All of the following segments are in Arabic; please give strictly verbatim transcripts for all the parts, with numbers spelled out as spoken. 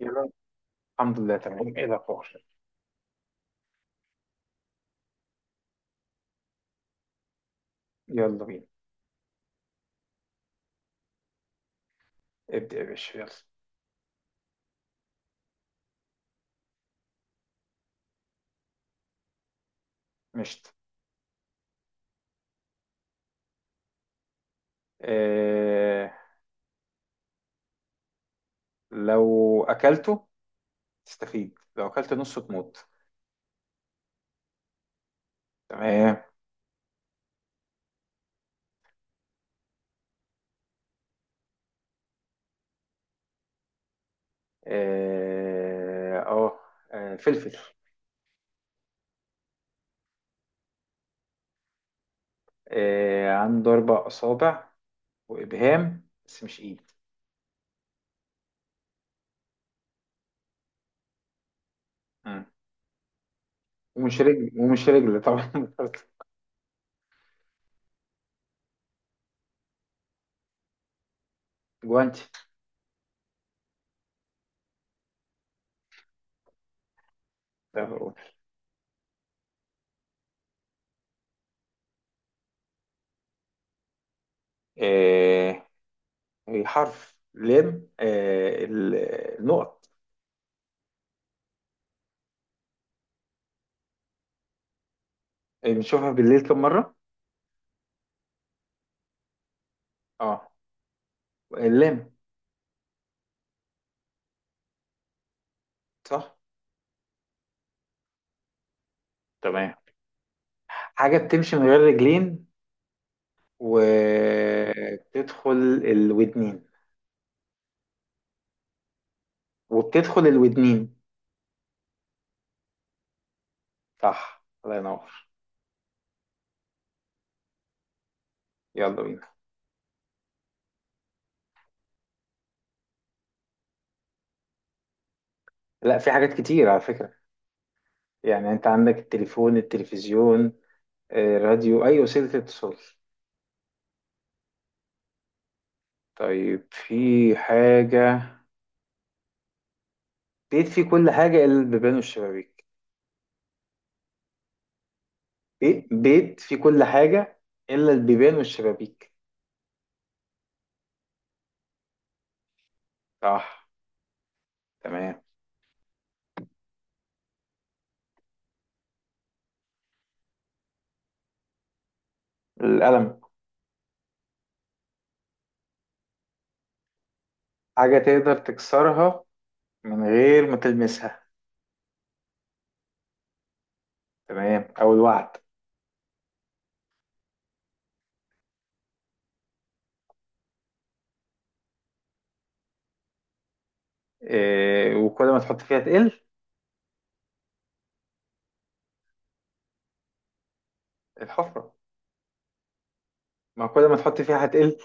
يلا. الحمد لله، تمام. ايه الاخبار؟ يلا بينا. ابدأ يا باشا، يلا. مشت. إيه، لو اكلته تستفيد، لو اكلت نصه تموت. تمام. إيه. اه آه، فلفل. إيه، عنده اربع اصابع وابهام بس مش ايد. مم. ومش رجل ومش رجل طبعا. جوانتي. طب قول. إيه، هي حرف لام. إيه، ال- النقط. إيه، بنشوفها بالليل كم مرة؟ اه اللام. صح. تمام. حاجة بتمشي من غير رجلين وبتدخل الودنين وبتدخل الودنين. صح، الله ينور. يلا بينا. لا، في حاجات كتير على فكرة. يعني انت عندك التليفون، التلفزيون، آه، راديو، اي وسيلة اتصال. طيب، في حاجة. بيت فيه كل حاجة الا البيبان والشبابيك. بيت بيت فيه كل حاجة الا البيبان والشبابيك. صح. تمام. القلم. حاجة تقدر تكسرها من غير ما تلمسها. تمام، او الوعد. إيه، وكل ما تحط فيها تقل. الحفرة. ما كل ما تحط فيها هتقل.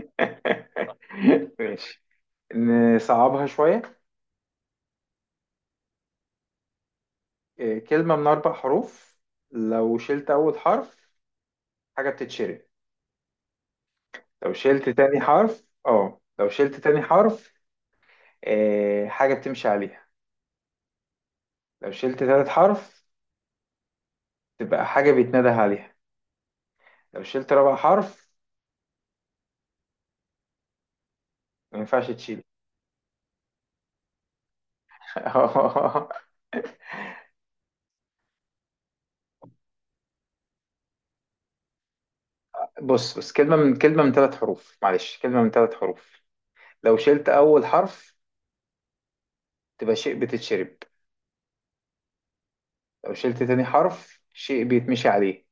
ماشي. نصعبها شوية. إيه، كلمة من أربع حروف. لو شلت أول حرف حاجة بتتشرب. لو شلت تاني حرف، اه لو شلت تاني حرف إيه، حاجة بتمشي عليها. لو شلت تالت حرف تبقى حاجة بيتنادى عليها. لو شلت رابع حرف ما ينفعش تشيل. بص بص كلمة من كلمة من ثلاث حروف، معلش. كلمة من ثلاث حروف. لو شلت أول حرف تبقى شيء بتتشرب. لو شلت تاني حرف شيء بيتمشي عليه.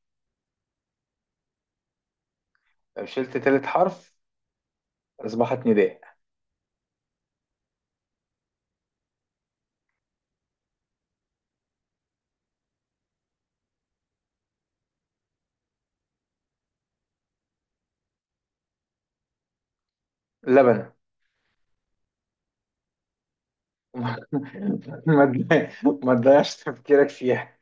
لو شلت تالت حرف أصبحت نداء. لبن. ما تضيع- ما تضيعش تفكيرك فيها.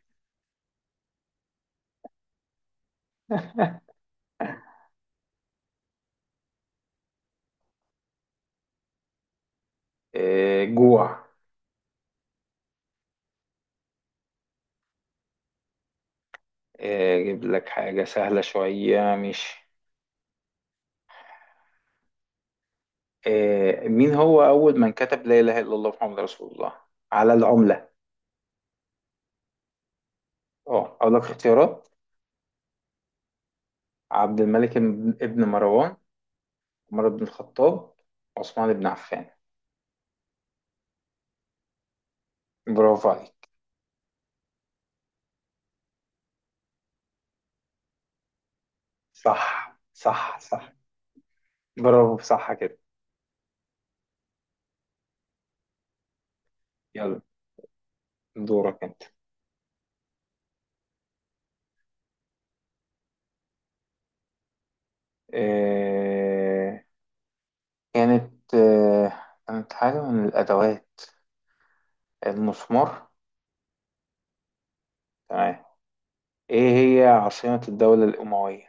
آه، جوع. آه، أجيب لك حاجة سهلة شوية، مش آه، مين هو أول من كتب لا إله إلا الله محمد رسول الله على العملة؟ اه أقول لك اختيارات. عبد الملك ابن ابن مروان، عمر بن الخطاب، عثمان بن عفان. برافو عليك. صح صح صح، برافو. صح كده. يلا. دورك انت. آه كانت آه كانت حاجة من الأدوات. المسمار. تمام. ايه، هي عاصمة الدولة الأموية؟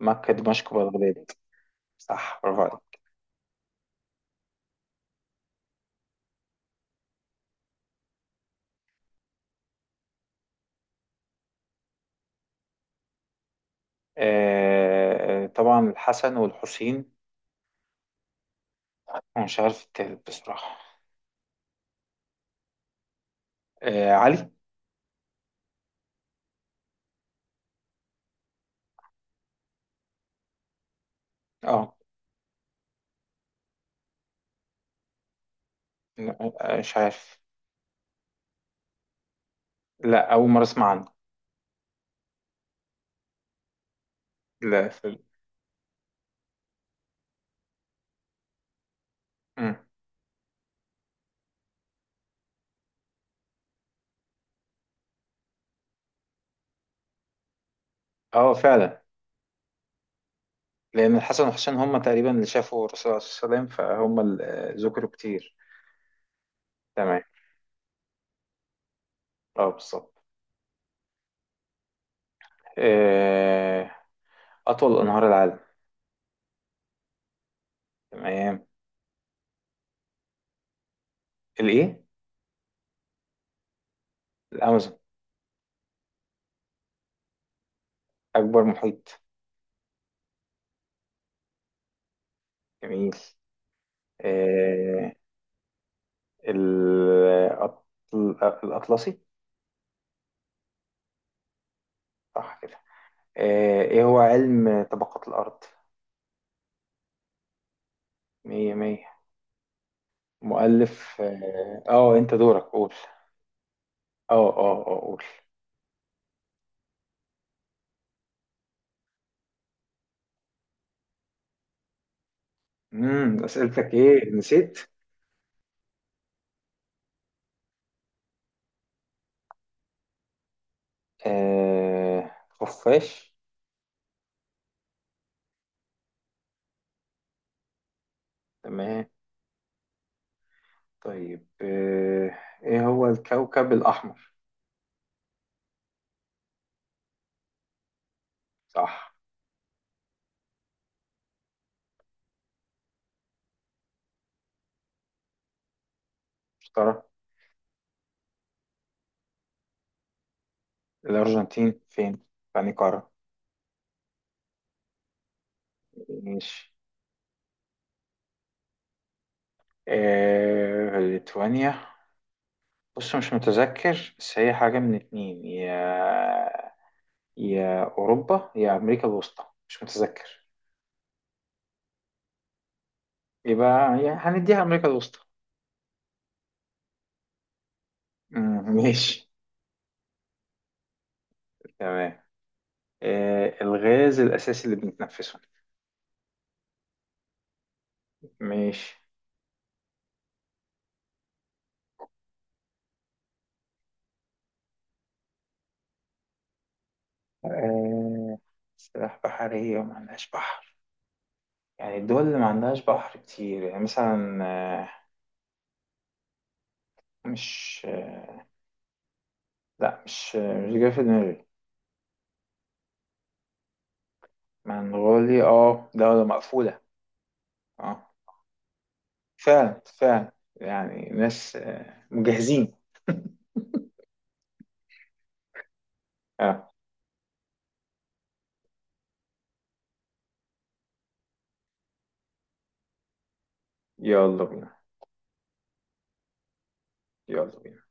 مكة، دمشق، بغداد. صح، برافو عليك. آه طبعا الحسن والحسين. أنا مش عارف التالت بصراحة. آه علي. اه لا، مش عارف. لا، أول مرة أسمع عنه. لا. مم. اه، فعلا. لان الحسن والحسين هم تقريبا اللي شافوا الرسول عليه الصلاه والسلام، فهم اللي آه، ذكروا كتير. تمام. اه، بالظبط. آه، اطول انهار العالم. تمام. الايه؟ الامازون. اكبر محيط. جميل. آه، ال- الأطل- الاطلسي. صح كده. آه، ايه هو علم طبقات الارض؟ مية مية. مؤلف اه آه، انت دورك، قول. اه اه اه قول. امم اسئلتك ايه، نسيت. آه خفاش. تمام. طيب. آه ايه هو الكوكب الأحمر؟ صح. اشترى. الأرجنتين فين؟ يعني قارة. ماشي. آه ليتوانيا، بص مش متذكر بس هي حاجة من اتنين، يا يا أوروبا يا أمريكا الوسطى، مش متذكر. يبقى يعني هنديها أمريكا الوسطى. مم، ماشي. تمام. آه الغاز الأساسي اللي بنتنفسه. ماشي. آه، سلاح بحرية وما عندهاش بحر؟ يعني الدول اللي ما عندهاش بحر كتير، يعني مثلا آه، مش آه، لا مش آه، مش جاي في دماغي. منغوليا، اه دولة مقفولة. اه فعلا فعلا، يعني ناس آه، مجهزين. اه، يلا بينا. يلا بينا.